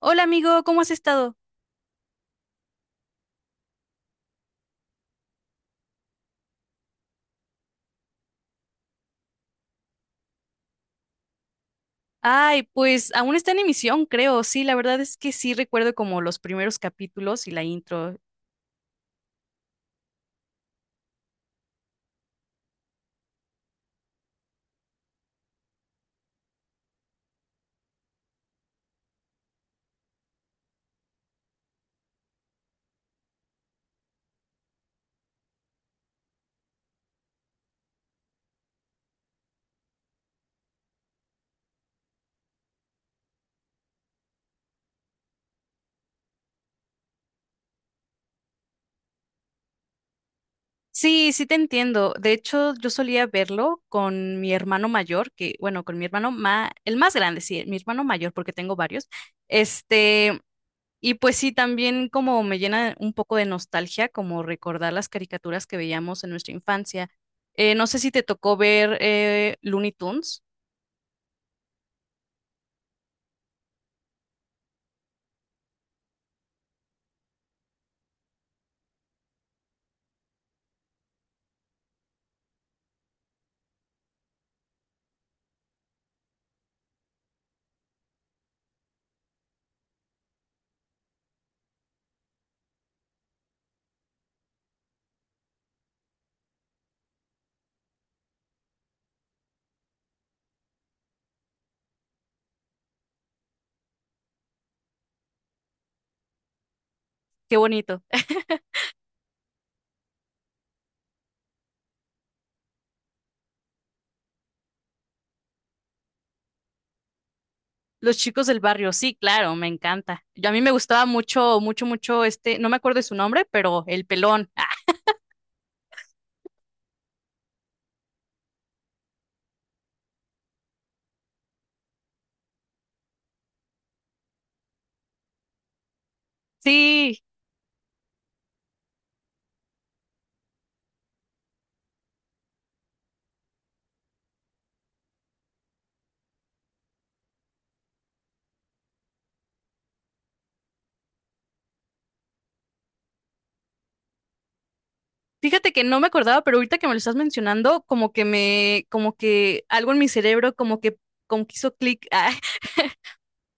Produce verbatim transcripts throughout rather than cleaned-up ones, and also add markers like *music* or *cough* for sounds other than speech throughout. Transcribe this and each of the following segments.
Hola amigo, ¿cómo has estado? Ay, pues aún está en emisión, creo. Sí, la verdad es que sí recuerdo como los primeros capítulos y la intro. Sí, sí te entiendo. De hecho, yo solía verlo con mi hermano mayor, que, bueno, con mi hermano ma, el más grande, sí, mi hermano mayor, porque tengo varios. Este, y pues sí, también como me llena un poco de nostalgia, como recordar las caricaturas que veíamos en nuestra infancia. Eh, no sé si te tocó ver eh, Looney Tunes. Qué bonito. Los chicos del barrio, sí, claro, me encanta. Yo, a mí me gustaba mucho, mucho, mucho este, no me acuerdo de su nombre, pero el pelón. Ah, sí, fíjate que no me acordaba, pero ahorita que me lo estás mencionando, como que me, como que algo en mi cerebro, como que, como que hizo clic. Ah, *laughs*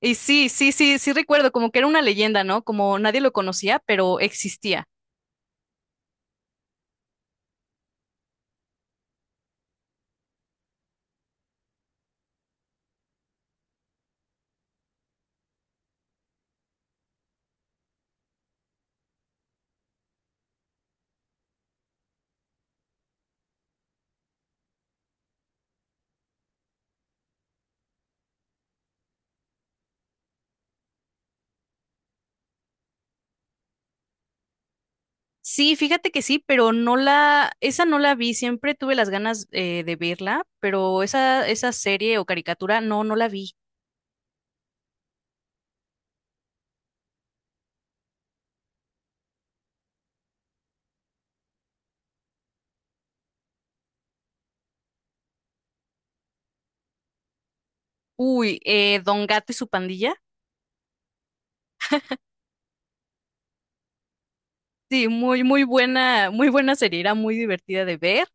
y sí, sí, sí, sí recuerdo, como que era una leyenda, ¿no? Como nadie lo conocía, pero existía. Sí, fíjate que sí, pero no la, esa no la vi, siempre tuve las ganas eh, de verla, pero esa, esa serie o caricatura, no, no la vi. Uy, eh, Don Gato y su pandilla. Sí, muy, muy buena, muy buena serie, era muy divertida de ver.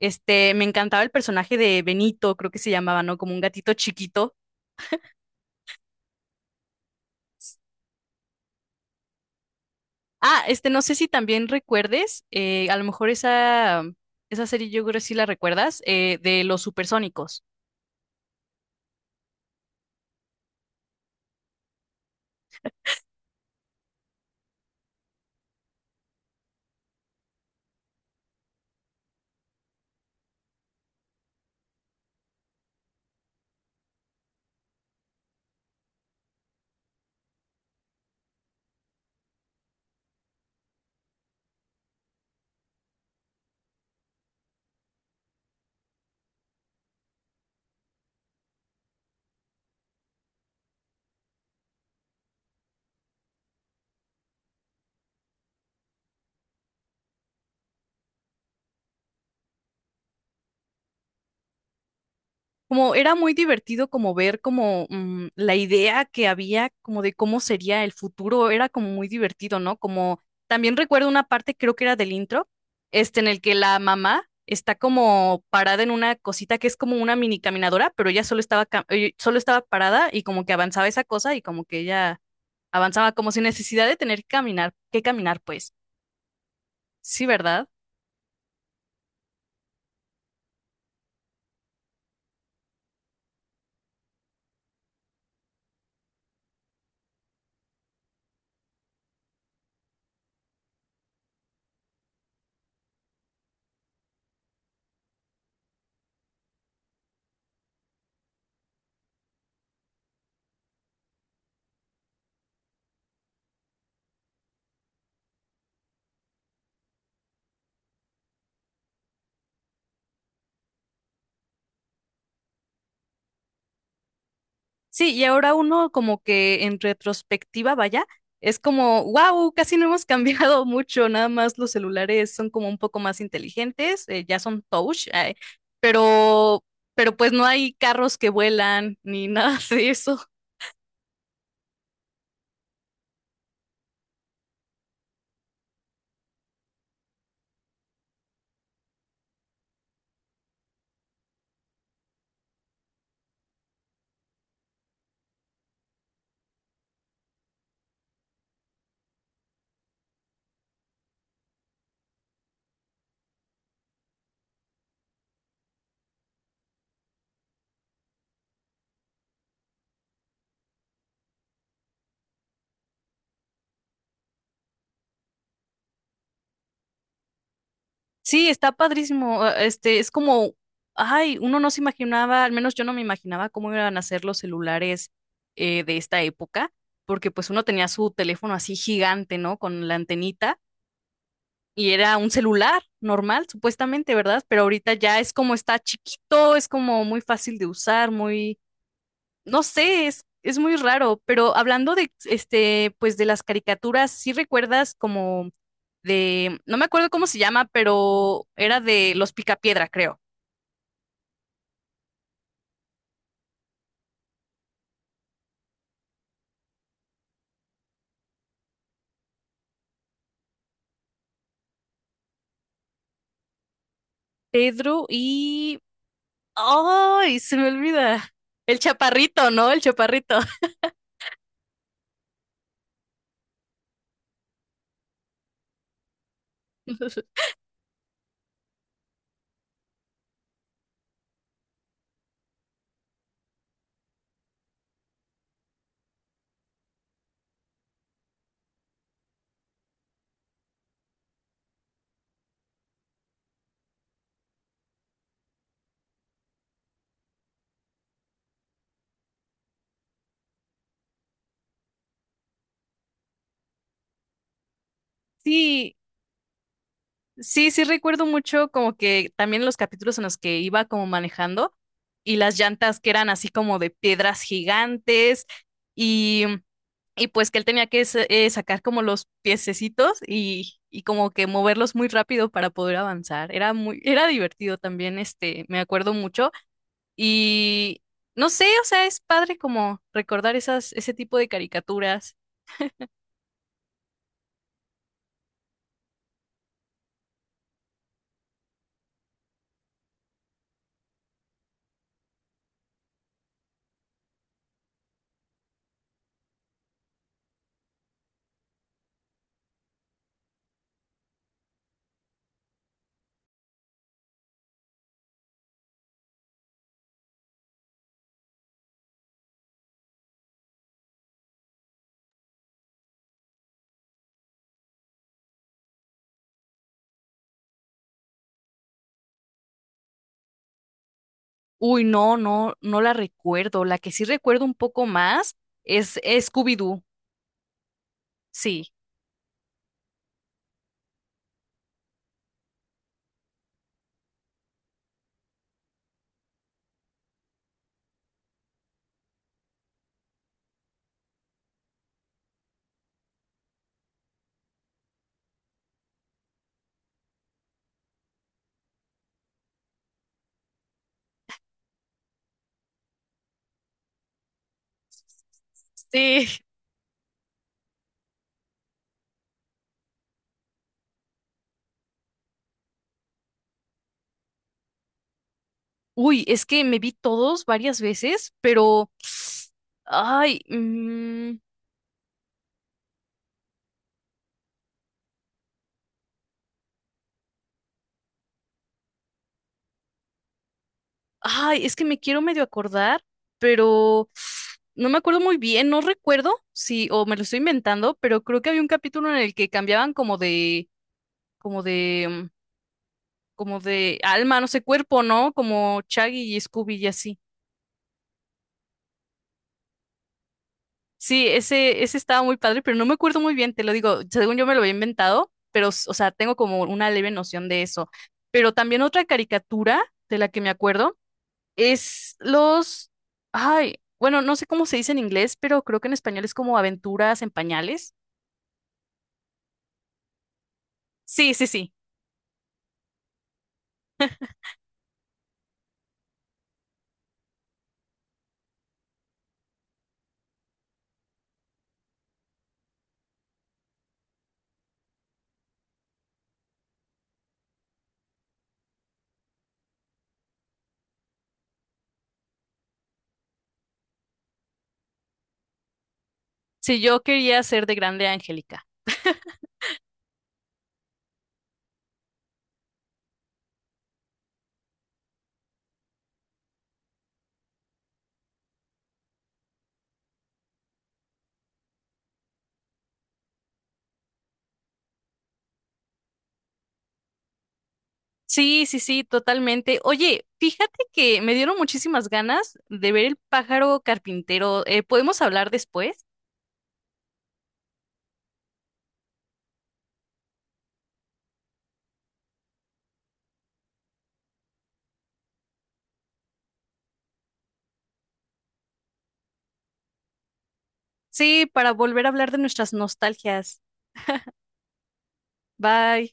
Este, me encantaba el personaje de Benito, creo que se llamaba, ¿no? Como un gatito chiquito. Ah, este, no sé si también recuerdes, eh, a lo mejor esa, esa serie yo creo que sí la recuerdas, eh, de los supersónicos. Como era muy divertido como ver como mm, la idea que había como de cómo sería el futuro, era como muy divertido, ¿no? Como también recuerdo una parte, creo que era del intro, este en el que la mamá está como parada en una cosita que es como una mini caminadora, pero ella solo estaba cam- eh, solo estaba parada y como que avanzaba esa cosa y como que ella avanzaba como sin necesidad de tener que caminar, que caminar pues. Sí, ¿verdad? Sí, y ahora uno como que en retrospectiva, vaya, es como, wow, casi no hemos *laughs* cambiado mucho, nada más los celulares son como un poco más inteligentes, eh, ya son touch, eh, pero, pero pues no hay carros que vuelan ni nada *laughs* de eso. Sí, está padrísimo, eh, este, es como, ay, uno no se imaginaba, al menos yo no me imaginaba cómo iban a ser los celulares eh, de esta época, porque pues uno tenía su teléfono así gigante, ¿no? Con la antenita y era un celular normal, supuestamente, ¿verdad? Pero ahorita ya es como está chiquito, es como muy fácil de usar, muy, no sé, es, es muy raro. Pero hablando de, este, pues de las caricaturas, ¿sí recuerdas como de, no me acuerdo cómo se llama, pero era de Los Picapiedra, creo. Pedro y... ¡Ay! Se me olvida. El chaparrito, ¿no? El chaparrito. *laughs* Sí, sí, sí recuerdo mucho como que también los capítulos en los que iba como manejando y las llantas que eran así como de piedras gigantes y, y pues que él tenía que sa- eh, sacar como los piececitos y, y como que moverlos muy rápido para poder avanzar. Era muy, era divertido también, este, me acuerdo mucho y no sé, o sea, es padre como recordar esas, ese tipo de caricaturas. Uy, no, no, no la recuerdo. La que sí recuerdo un poco más es Scooby-Doo. Sí, sí. Uy, es que me vi todos varias veces, pero... Ay, mm, ay, es que me quiero medio acordar, pero no me acuerdo muy bien, no recuerdo si, o me lo estoy inventando, pero creo que había un capítulo en el que cambiaban como de, como de, mm, como de alma, no sé, cuerpo, ¿no? Como Shaggy y Scooby y así. Sí, ese, ese estaba muy padre, pero no me acuerdo muy bien, te lo digo, según yo me lo había inventado, pero, s- o sea, tengo como una leve noción de eso. Pero también otra caricatura de la que me acuerdo es los, ay, bueno, no sé cómo se dice en inglés, pero creo que en español es como aventuras en pañales. Sí, sí, sí. Sí, yo quería ser de grande Angélica. Sí, sí, sí, totalmente. Oye, fíjate que me dieron muchísimas ganas de ver el pájaro carpintero. Eh, ¿podemos hablar después? Sí, para volver a hablar de nuestras nostalgias. Bye.